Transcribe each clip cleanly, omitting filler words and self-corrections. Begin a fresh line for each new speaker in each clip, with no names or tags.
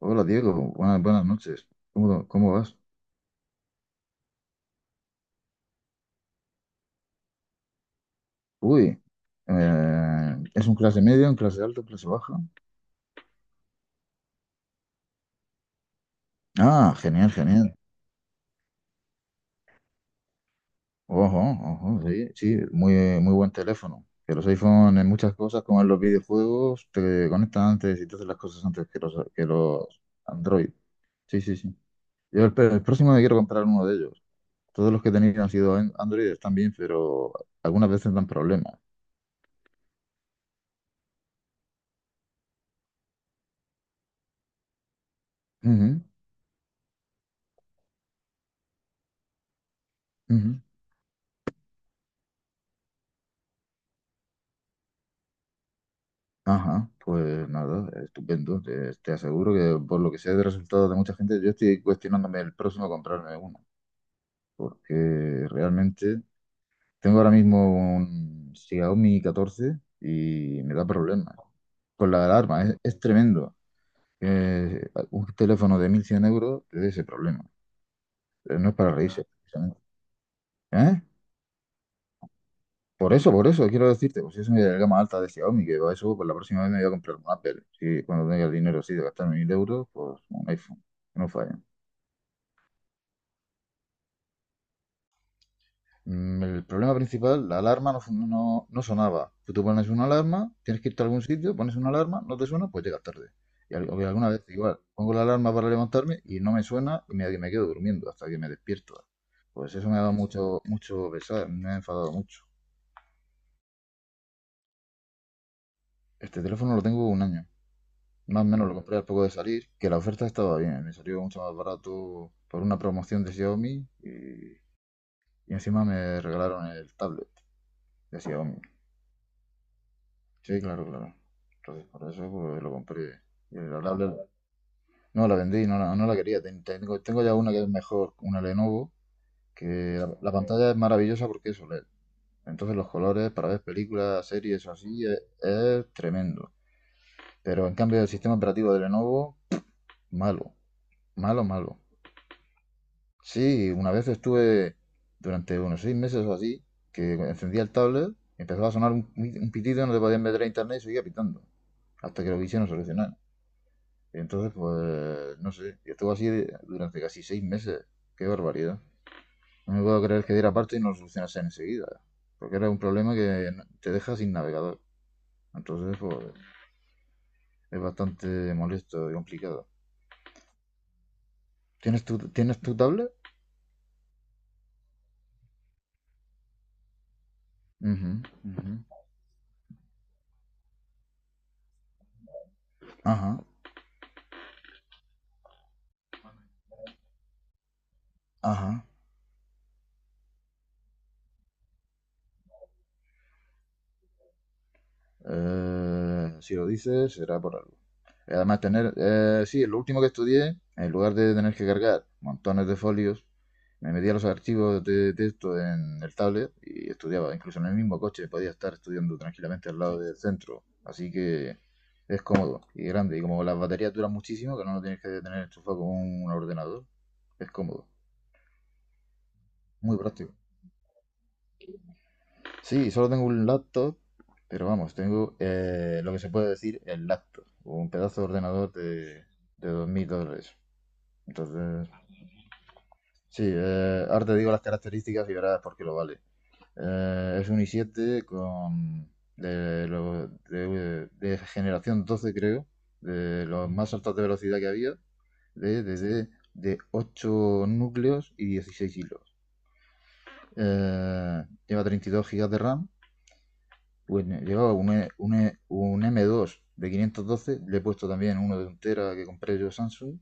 Hola Diego, buenas, buenas noches. ¿Cómo vas? Uy, ¿es un clase media, un clase alto, clase baja? Ah, genial, genial. Ojo, ojo, sí, sí, muy, muy buen teléfono. Que los iPhone en muchas cosas, como en los videojuegos, te conectan antes y te hacen las cosas antes que los Android. Sí, sí, sí. Yo el próximo me quiero comprar uno de ellos. Todos los que he tenido han sido Android, están bien, pero algunas veces dan problemas. Ujú, ujú. Ajá, pues nada, estupendo. Te aseguro que por lo que sé de resultados de mucha gente, yo estoy cuestionándome el próximo a comprarme uno, porque realmente tengo ahora mismo un Xiaomi 14 y me da problemas con la alarma. Es tremendo que un teléfono de 1100 euros te dé ese problema. No es para reírse precisamente. ¿Eh? Por eso, quiero decirte, pues es una gama alta de Xiaomi, que va eso, pues la próxima vez me voy a comprar un Apple. Sí, cuando tenga el dinero así de gastarme 1000 euros, pues un iPhone, que no falla. El problema principal, la alarma no, no sonaba. Tú te pones una alarma, tienes que irte a algún sitio, pones una alarma, no te suena, pues llegas tarde. Y o alguna vez igual, pongo la alarma para levantarme y no me suena y me quedo durmiendo hasta que me despierto. Pues eso me ha dado mucho, mucho pesar, me ha enfadado mucho. Este teléfono lo tengo un año. Más o menos lo compré al poco de salir, que la oferta estaba bien, me salió mucho más barato por una promoción de Xiaomi y encima me regalaron el tablet de Xiaomi. Sí, claro, claro. Entonces por eso pues, lo compré. Y la tablet no la vendí, no la quería. Tengo ya una que es mejor, una Lenovo, que la pantalla es maravillosa porque es OLED. Entonces los colores para ver películas, series o así es tremendo. Pero en cambio el sistema operativo de Lenovo, malo, malo, malo. Sí, una vez estuve durante unos 6 meses o así, que encendía el tablet, empezaba a sonar un pitido, no te podías meter a internet y seguía pitando, hasta que lo quisieron solucionar. Y entonces, pues, no sé, y estuvo durante casi 6 meses. Qué barbaridad. No me puedo creer que diera parte y no lo solucionase enseguida, porque era un problema que te deja sin navegador. Entonces, pues, es bastante molesto y complicado. ¿Tienes tu tablet? Ujú, ujú. Ajá, ajá. Si lo dices, será por algo. Además, tener, sí, lo último que estudié, en lugar de tener que cargar montones de folios, me metía los archivos de texto en el tablet y estudiaba. Incluso en el mismo coche podía estar estudiando tranquilamente al lado del centro. Así que es cómodo y grande. Y como las baterías duran muchísimo, que no lo tienes que tener enchufado con un ordenador, es cómodo. Muy práctico. Sí, solo tengo un laptop, pero vamos, tengo lo que se puede decir el laptop, o un pedazo de ordenador de 2000 dólares. Entonces, sí, ahora te digo las características y verás por qué lo vale. Es un i7 con de generación 12 creo, de los más altos de velocidad que había, de, desde de 8 núcleos y 16 hilos. Lleva 32 gigas de RAM. Pues me llevaba un M2 de 512, le he puesto también uno de un tera que compré yo Samsung.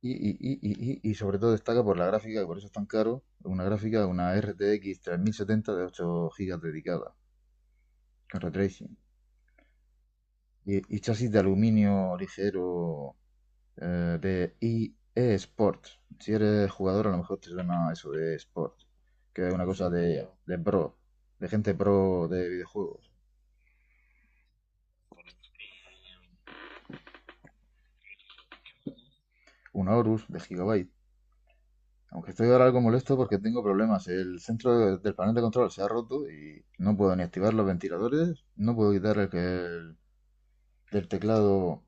Y sobre todo destaca por la gráfica, que por eso es tan caro, una gráfica, una RTX 3070 de 8 GB dedicada, con retracing. Y chasis de aluminio ligero, de IE Sport. Si eres jugador, a lo mejor te suena eso de Sport, que es una, sí, cosa de pro, de gente pro de videojuegos. Un Aorus de Gigabyte. Aunque estoy ahora algo molesto porque tengo problemas. El centro del panel de control se ha roto y no puedo ni activar los ventiladores, no puedo quitar del teclado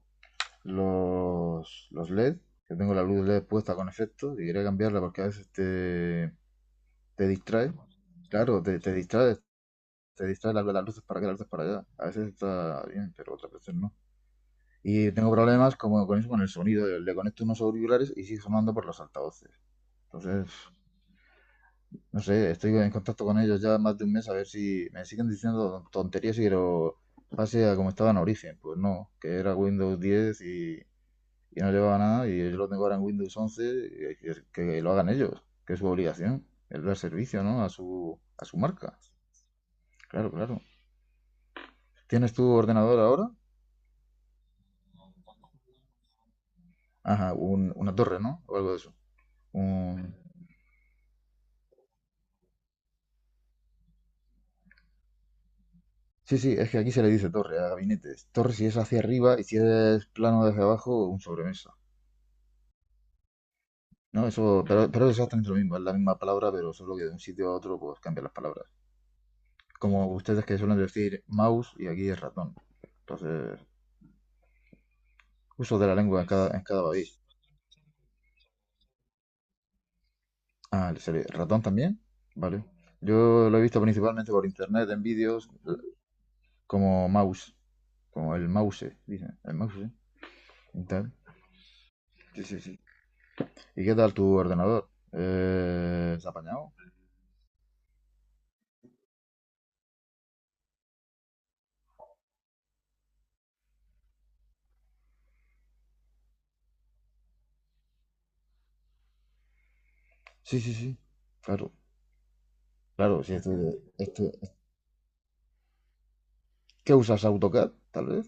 los LED, que tengo la luz LED puesta con efecto y quería cambiarla porque a veces te distrae. Claro, te distrae, te distrae las luces para acá, las luces para allá. A veces está bien, pero otras veces no. Y tengo problemas como con eso, con el sonido. Le conecto unos auriculares y sigue sonando por los altavoces. Entonces, no sé, estoy en contacto con ellos ya más de un mes a ver si me siguen diciendo tonterías y que lo pase a como estaba en origen. Pues no, que era Windows 10 y no llevaba nada y yo lo tengo ahora en Windows 11 y que lo hagan ellos, que es su obligación, es dar servicio, ¿no? A su marca. Claro, claro. ¿Tienes tu ordenador ahora? Ajá, una torre, ¿no? O algo de eso. Un- Sí, sí, es que aquí se le dice torre a gabinetes. Torre si es hacia arriba y si es plano desde abajo, un sobremesa. No, eso, pero es exactamente lo mismo, es la misma palabra, pero solo que de un sitio a otro pues cambian las palabras. Como ustedes que suelen decir mouse y aquí es ratón. Entonces, uso de la lengua en cada país. Ah, ¿le sale ratón también? Vale. Yo lo he visto principalmente por internet, en vídeos, como mouse, como el mouse, dicen, el mouse, ¿eh? Y tal. Sí, sí, sí. ¿Y qué tal tu ordenador? ¿Se ha apañado? Sí, sí, sí, claro. Claro, sí. Esto- ¿Qué usas AutoCAD, tal vez?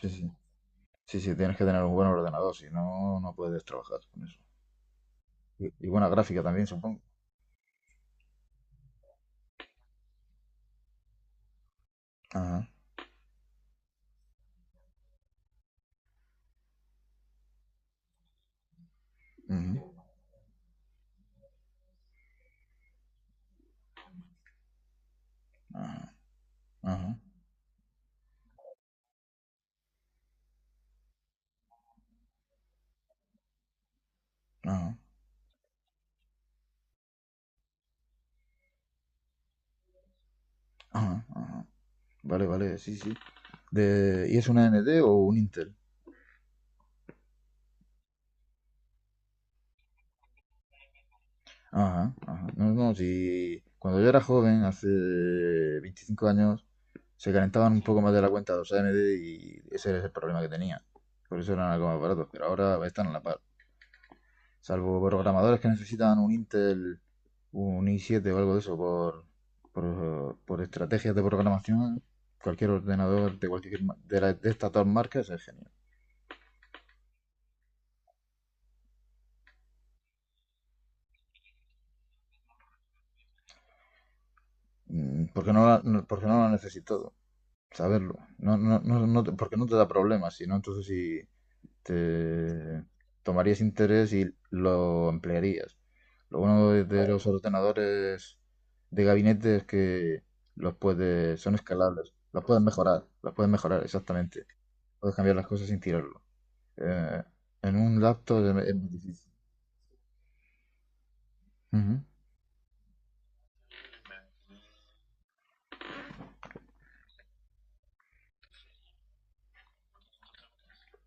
Sí, sí. Sí, sí, tienes que tener un buen ordenador, si no, no puedes trabajar con eso. Y buena gráfica también, supongo. Ajá, ujú, ajá, ajá, ajá, ajá, ajá. Vale, vale, sí, sí. ¿Y es una A N AMD o un Intel? Ajá, ajá. No, no, si cuando yo era joven, hace 25 años, se calentaban un poco más de la cuenta los AMD y ese era el problema que tenía. Por eso eran algo más baratos, pero ahora están a la par. Salvo programadores que necesitan un Intel, un i7 o algo de eso por estrategias de programación, cualquier ordenador de cualquier de estas dos marcas es genial. Porque no, porque no lo necesito saberlo. No, no, no, no porque no te da problemas, sino entonces si te tomarías interés y lo emplearías. Lo bueno de los ordenadores de gabinete es que los puedes, son escalables, los puedes mejorar, exactamente. Puedes cambiar las cosas sin tirarlo. eh, en un laptop es más difícil. Ujú.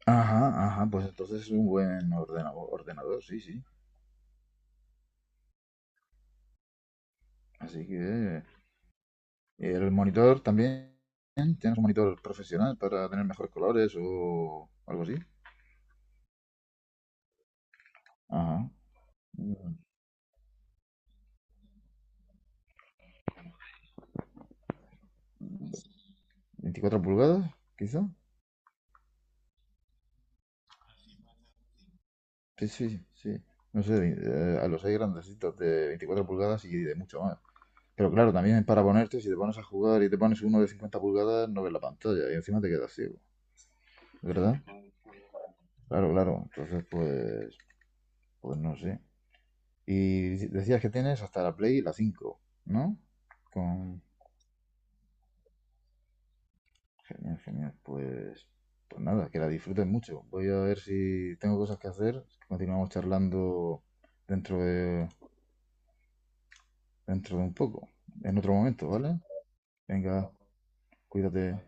Ajá, ajá, pues entonces es un buen ordenador, sí, sí. Así que el monitor también, ¿tienes un monitor profesional para tener mejores colores o algo así? Ajá. Mm, ¿24 pulgadas, quizá? Sí, sí, sí. No sé, a los hay grandecitos de 24 pulgadas y de mucho más. Pero claro, también para ponerte, si te pones a jugar y te pones uno de 50 pulgadas, no ves la pantalla y encima te quedas ciego, ¿verdad? Claro, claro. Entonces, pues no sé. Y decías que tienes hasta la Play la 5, ¿no? Con... Genial, genial. Pues nada, que la disfrutes mucho. Voy a ver si tengo cosas que hacer. Continuamos charlando dentro de, dentro de un poco, en otro momento, ¿vale? Venga, cuídate.